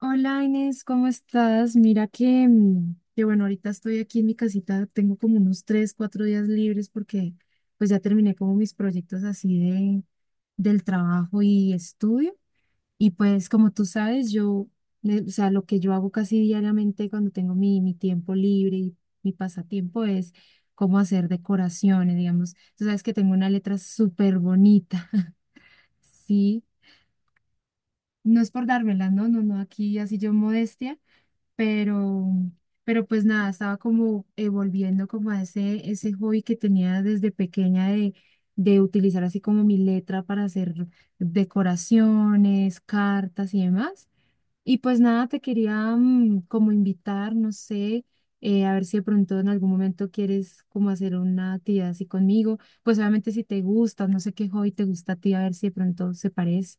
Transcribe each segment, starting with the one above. Hola Inés, ¿cómo estás? Mira que, que bueno, ahorita estoy aquí en mi casita, tengo como unos tres, cuatro días libres porque pues ya terminé como mis proyectos así de, del trabajo y estudio. Y pues como tú sabes, yo, o sea, lo que yo hago casi diariamente cuando tengo mi tiempo libre y mi pasatiempo es cómo hacer decoraciones, digamos. Tú sabes que tengo una letra súper bonita, ¿sí? No es por dármela, no, no, no, aquí así yo modestia pero, pero pues nada, estaba como volviendo como a ese hobby que tenía desde pequeña de utilizar así como mi letra para hacer decoraciones, cartas y demás. Y pues nada, te quería como invitar, no sé, a ver si de pronto en algún momento quieres como hacer una actividad así conmigo. Pues obviamente si te gusta, no sé qué hobby te gusta a ti, a ver si de pronto se parece.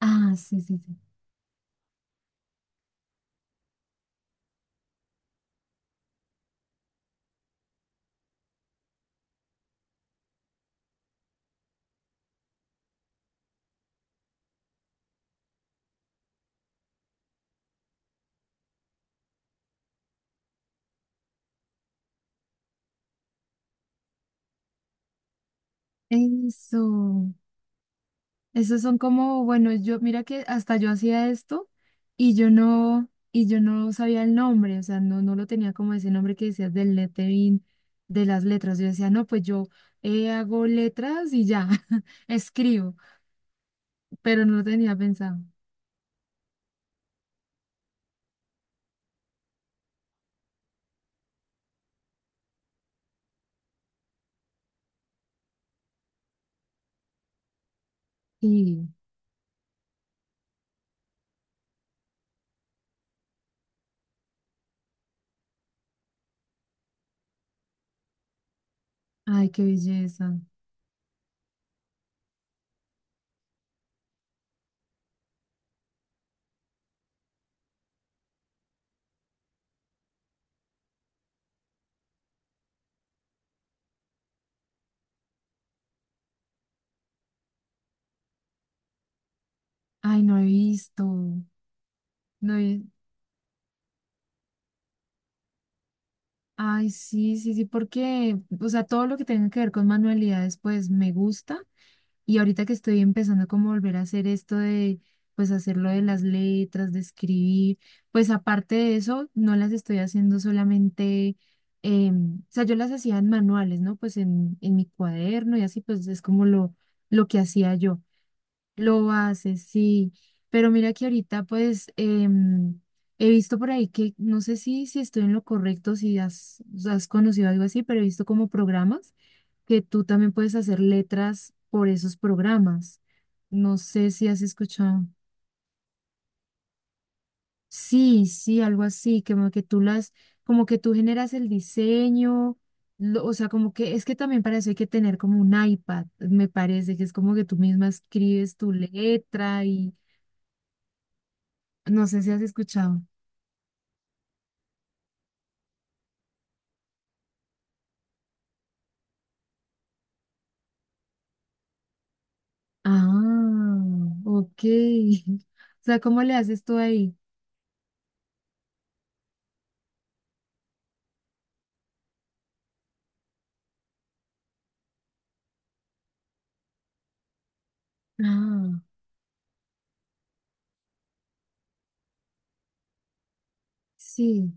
Ah, sí, sí, sí. Eso. Esos son como, bueno, yo, mira que hasta yo hacía esto y yo no sabía el nombre, o sea, no, no lo tenía como ese nombre que decías del lettering, de las letras. Yo decía, no, pues yo hago letras y ya, escribo, pero no lo tenía pensado. Y, ay, qué belleza. Ay, no he visto. No he- ay, sí, sí, sí, porque, o sea, todo lo que tenga que ver con manualidades, pues me gusta. Y ahorita que estoy empezando como a volver a hacer esto de, pues hacerlo de las letras, de escribir, pues aparte de eso, no las estoy haciendo solamente, o sea, yo las hacía en manuales, ¿no? Pues en mi cuaderno y así, pues es como lo que hacía yo. Lo hace, sí, pero mira que ahorita pues he visto por ahí que, no sé si, si estoy en lo correcto, si has, has conocido algo así, pero he visto como programas que tú también puedes hacer letras por esos programas. No sé si has escuchado. Sí, sí, algo así, como que tú las, como que tú generas el diseño, lo- o sea, como que es que también para eso hay que tener como un iPad, me parece, que es como que tú misma escribes tu letra y no sé si has escuchado. Ah, ok. O sea, ¿cómo le haces tú ahí? Ah, sí.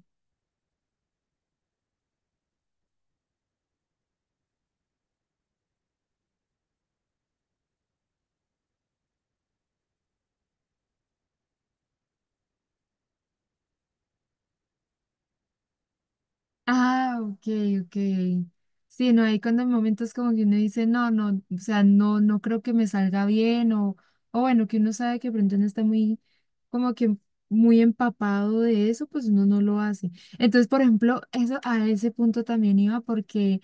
Ah, ok, ok. Sí, no, hay cuando hay momentos como que uno dice, no, no, o sea, no, no creo que me salga bien, o bueno, que uno sabe que de pronto no está muy, como que muy empapado de eso, pues uno no lo hace. Entonces, por ejemplo, eso a ese punto también iba porque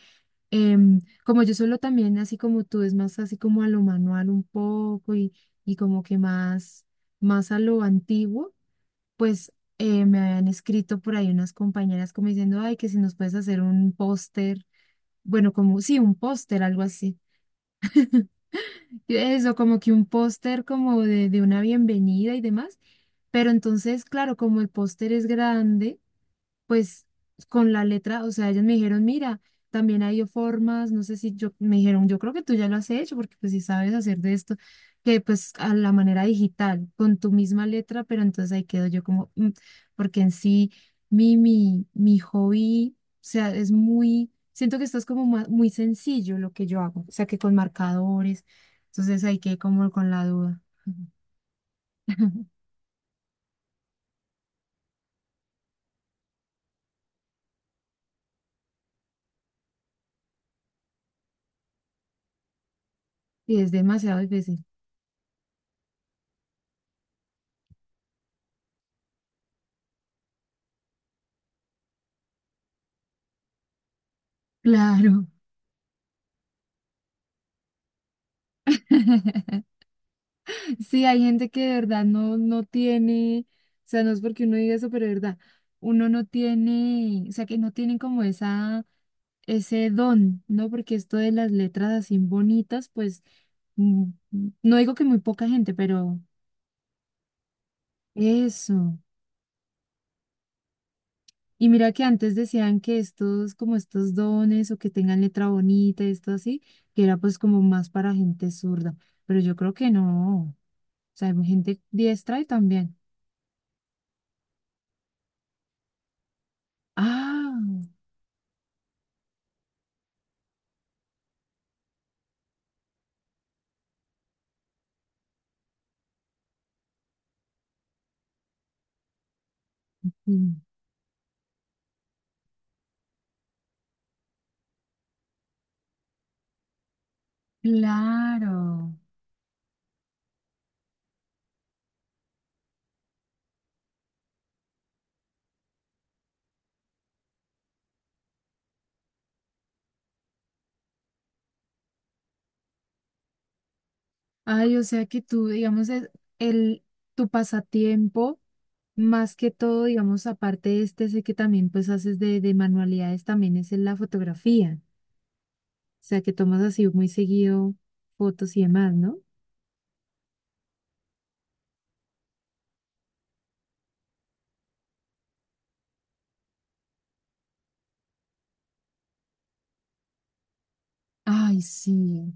como yo solo también, así como tú, es más así como a lo manual un poco y como que más, más a lo antiguo pues me habían escrito por ahí unas compañeras como diciendo, ay, que si nos puedes hacer un póster, bueno, como, sí, un póster, algo así. Y eso, como que un póster como de una bienvenida y demás. Pero entonces, claro, como el póster es grande pues con la letra, o sea, ellos me dijeron, mira, también hay formas, no sé si yo, me dijeron, yo creo que tú ya lo has hecho, porque pues si sabes hacer de esto, que pues a la manera digital, con tu misma letra, pero entonces ahí quedo yo como, "Mm", porque en sí, mi hobby, o sea, es muy, siento que esto es como ma- muy sencillo lo que yo hago, o sea, que con marcadores, entonces ahí quedé como con la duda. Y es demasiado difícil. Claro. Sí, hay gente que de verdad no, no tiene, o sea, no es porque uno diga eso, pero de verdad, uno no tiene, o sea, que no tienen como esa, ese don, ¿no? Porque esto de las letras así bonitas, pues, mm, no digo que muy poca gente, pero eso. Y mira que antes decían que estos, como estos dones o que tengan letra bonita, esto así, que era pues como más para gente zurda, pero yo creo que no, o sea, hay gente diestra y también. Ah. Sí. Claro. Ay, o sea que tú, digamos, es el, tu pasatiempo, más que todo, digamos, aparte de este, sé que también pues haces de manualidades, también es en la fotografía. O sea que tomas así muy seguido fotos y demás, ¿no? Ay, sí.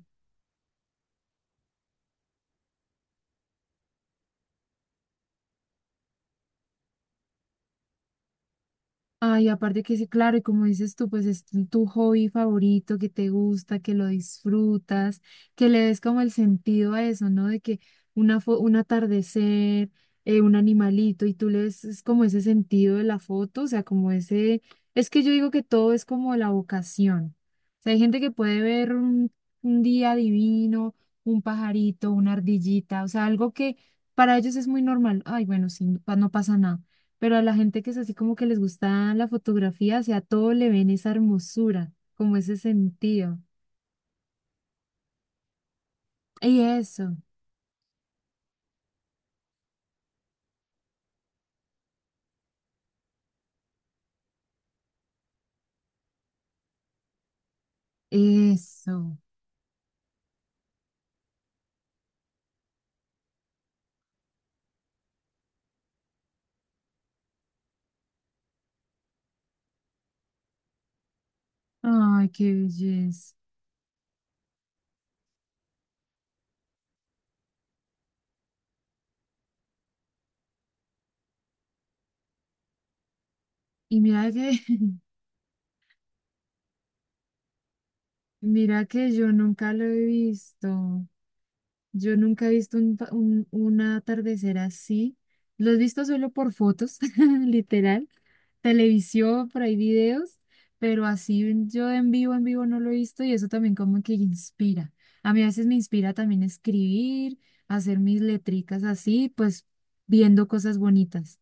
Ay, aparte que sí, claro, y como dices tú, pues es tu hobby favorito, que te gusta, que lo disfrutas, que le des como el sentido a eso, ¿no? De que una fo- un atardecer, un animalito, y tú le ves es como ese sentido de la foto, o sea, como ese, es que yo digo que todo es como la vocación. O sea, hay gente que puede ver un día divino, un pajarito, una ardillita, o sea, algo que para ellos es muy normal. Ay, bueno, sí, no pa- no pasa nada pero a la gente que es así como que les gusta la fotografía, o sea, todo le ven esa hermosura, como ese sentido. Y eso, eso. Ay, qué belleza. Y mira que, mira que yo nunca lo he visto. Yo nunca he visto un, pa- un atardecer así. Lo he visto solo por fotos, literal televisión, por ahí videos, pero así en- yo en vivo no lo he visto y eso también como que inspira. A mí a veces me inspira también escribir, hacer mis letricas así, pues viendo cosas bonitas.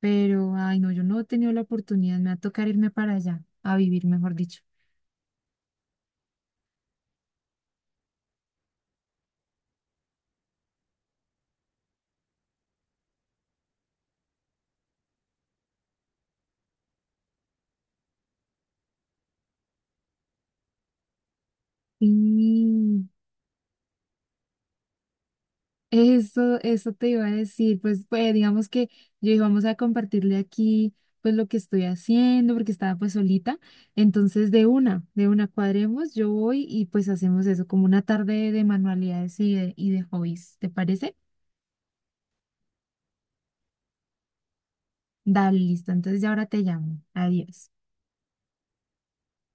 Pero, ay, no, yo no he tenido la oportunidad, me va a tocar irme para allá, a vivir, mejor dicho. Sí, eso te iba a decir, pues, pues digamos que yo dije, vamos a compartirle aquí pues lo que estoy haciendo, porque estaba pues solita, entonces de una cuadremos, yo voy y pues hacemos eso, como una tarde de manualidades y de hobbies, ¿te parece? Dale, listo, entonces ya ahora te llamo, adiós.